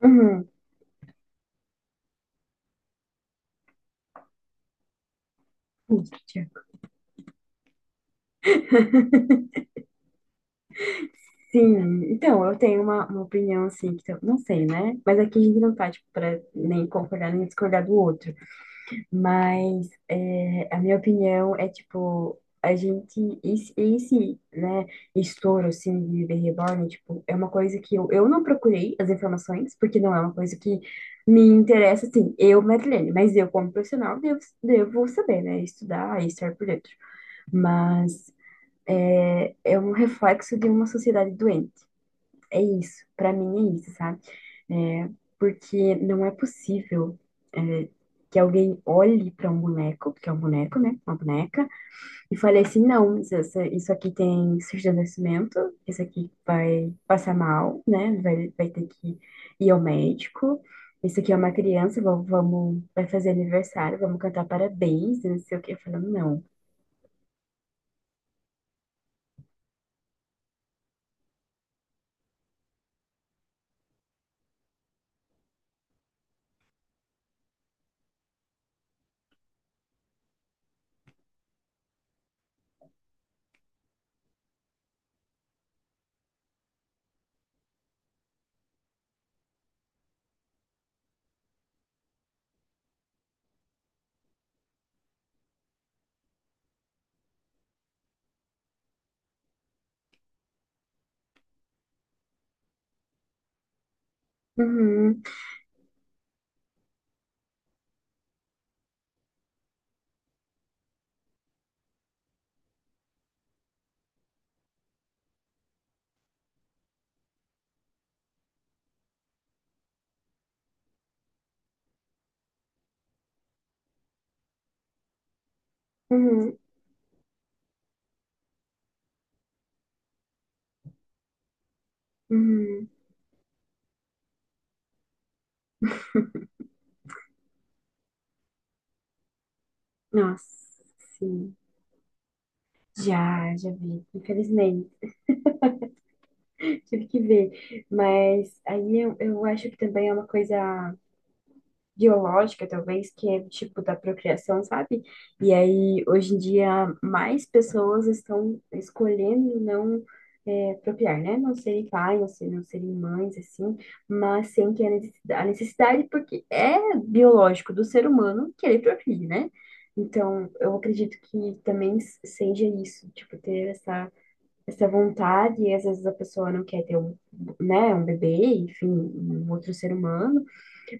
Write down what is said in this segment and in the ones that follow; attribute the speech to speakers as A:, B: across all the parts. A: Uhum. Angústia. Sim, então, eu tenho uma opinião assim, que eu não sei, né? Mas aqui a gente não tá, tipo, pra nem concordar nem discordar do outro. Mas é, a minha opinião é, tipo, a gente, esse, né, estouro, assim, de Bebê Reborn, tipo, é uma coisa que eu não procurei as informações, porque não é uma coisa que me interessa, assim, eu, Madeleine, mas eu, como profissional, devo saber, né? Estudar e estar por dentro. Mas é um reflexo de uma sociedade doente. É isso, para mim é isso, sabe? É, porque não é possível é, que alguém olhe para um boneco, que é um boneco, né? Uma boneca, e fale assim: não, isso aqui tem surdesnecimento, isso aqui vai passar mal, né? Vai ter que ir ao médico. Isso aqui é uma criança, vamos, vai fazer aniversário, vamos cantar parabéns, não sei o quê. Falando, não. Uhum, uhum, uhum. Nossa, sim. Já, já vi. Infelizmente, tive que ver. Mas aí eu acho que também é uma coisa biológica, talvez, que é tipo da procriação, sabe? E aí, hoje em dia, mais pessoas estão escolhendo não procriar, né? Não serem pais, não serem mães, assim, mas sem que a necessidade, porque é biológico do ser humano que ele procrie, né? Então, eu acredito que também seja isso, tipo, ter essa vontade, e às vezes a pessoa não quer ter um, né, um bebê, enfim, um outro ser humano,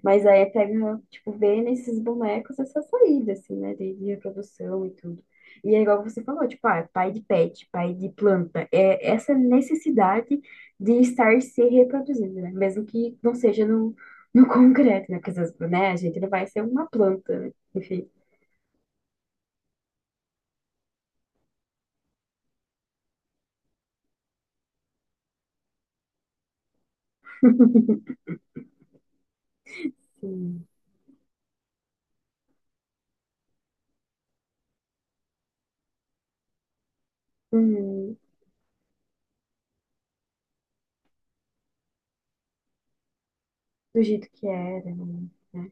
A: mas aí é pega, tipo, vê nesses bonecos essa saída, assim, né? De reprodução e tudo. E é igual você falou, tipo, ah, pai de pet, pai de planta. É essa necessidade de estar se reproduzindo, né? Mesmo que não seja no concreto, né? Porque às vezes, né, a gente não vai ser uma planta, né? Enfim, assim, hum, do jeito que era, né?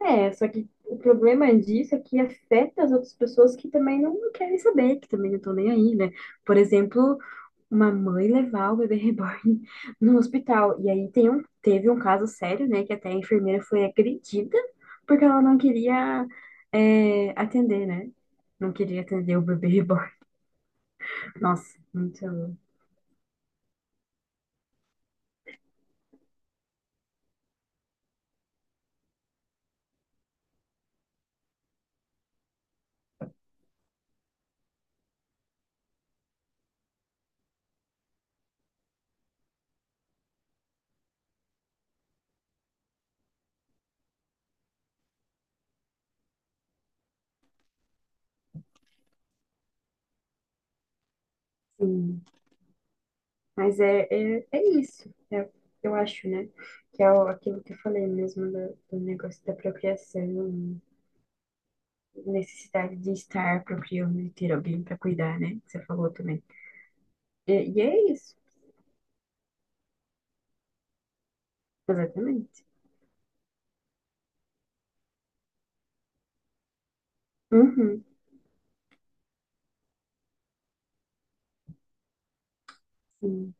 A: É, só que o problema disso é que afeta as outras pessoas que também não querem saber, que também não estão nem aí, né? Por exemplo, uma mãe levar o bebê reborn no hospital. E aí teve um caso sério, né, que até a enfermeira foi agredida porque ela não queria atender, né? Não queria atender o bebê reborn. Nossa, muito. Sim. Mas é isso, o que eu acho, né? Que é aquilo que eu falei mesmo do negócio da procriação, necessidade de estar procriando e ter alguém para cuidar, né? Que você falou também. E é isso, exatamente. Uhum. Sim.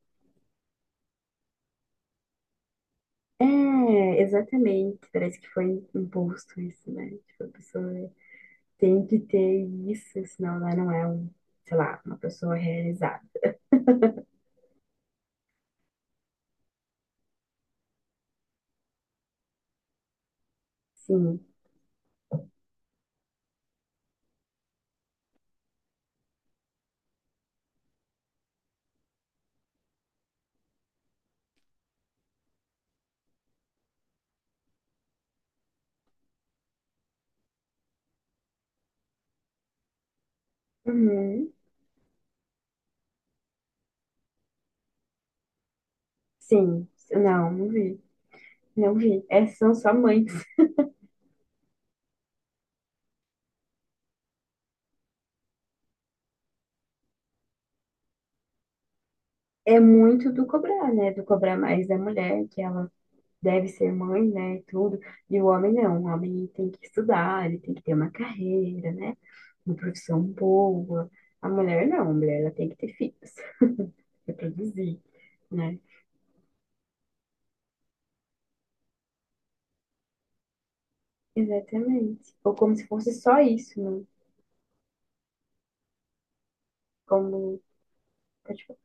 A: É, exatamente. Parece que foi imposto isso, né? Tipo, a pessoa tem que ter isso, senão ela não é, um, sei lá, uma pessoa realizada. Sim. Uhum. Sim. Não, não vi. Não vi. Essas são só mães. É muito do cobrar, né? Do cobrar mais da mulher, que ela deve ser mãe, né? E tudo. E o homem não. O homem tem que estudar, ele tem que ter uma carreira, né? Uma profissão boa. A mulher não. A mulher, ela tem que ter filhos, reproduzir, né? Exatamente. Ou como se fosse só isso, né? Como, tá, tipo,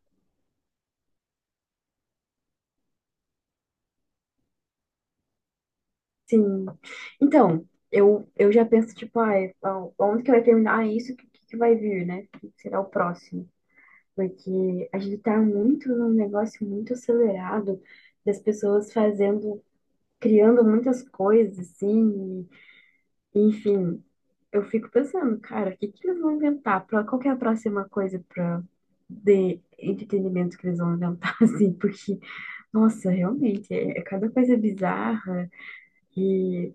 A: sim. Então, eu já penso, tipo, ah, ah, onde que vai terminar, ah, isso? O que, que vai vir, né? O que será o próximo? Porque a gente tá muito num negócio muito acelerado das pessoas fazendo, criando muitas coisas, assim, e, enfim. Eu fico pensando, cara, o que que eles vão inventar? Pra, qual que é a próxima coisa pra, de entretenimento que eles vão inventar, assim? Porque, nossa, realmente, é cada coisa bizarra e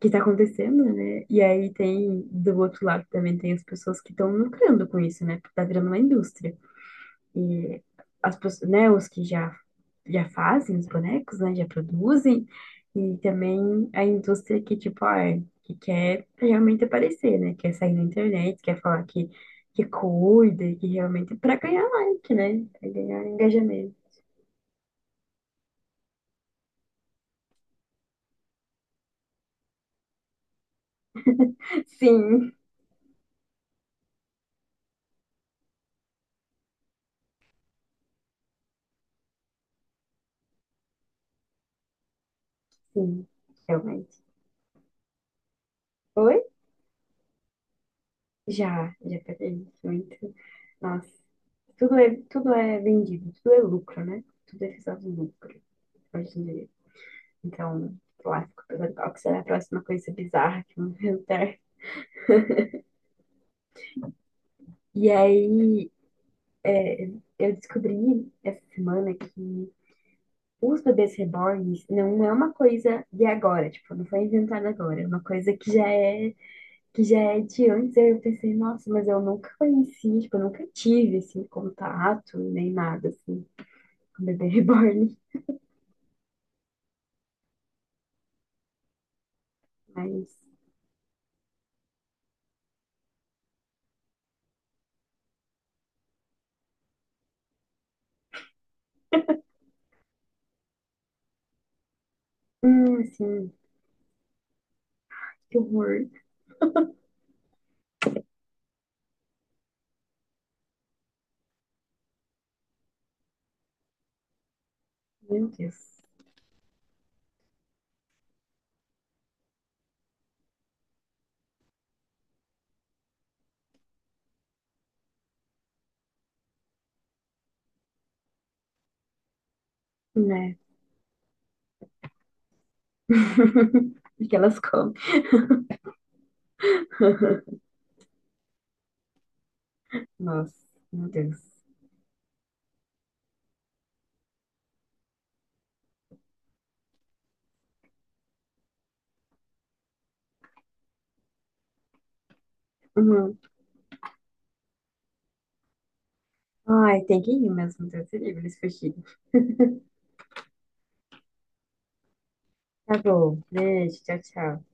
A: que tá acontecendo, né? E aí do outro lado também tem as pessoas que estão lucrando com isso, né? Porque tá virando uma indústria. E né, os que já, fazem os bonecos, né, já produzem, e também a indústria que, tipo, ah, que quer realmente aparecer, né, quer sair na internet, quer falar que cuida, que realmente, para ganhar like, né, pra ganhar engajamento. Sim, sim, realmente. Oi? Já, já peguei muito. Nossa, tudo é vendido, tudo é lucro, né? Tudo é visado lucro, hoje em dia. Então, lá ficou pensando qual que será a próxima coisa bizarra que vão inventar. E aí, é, eu descobri essa semana que os bebês reborns não é uma coisa de agora, tipo, não foi inventada agora, é uma coisa que já é de antes. Aí eu pensei, nossa, mas eu nunca conheci, tipo, eu nunca tive assim contato nem nada assim com bebê reborn, mas assim, que horror. Meu Deus, né? O que elas comem. Nossa, meu Deus. Uhum. Ai, tem que ir mesmo, Deus me livre, eles fugiram. Tá bom, beijo, tchau, tchau.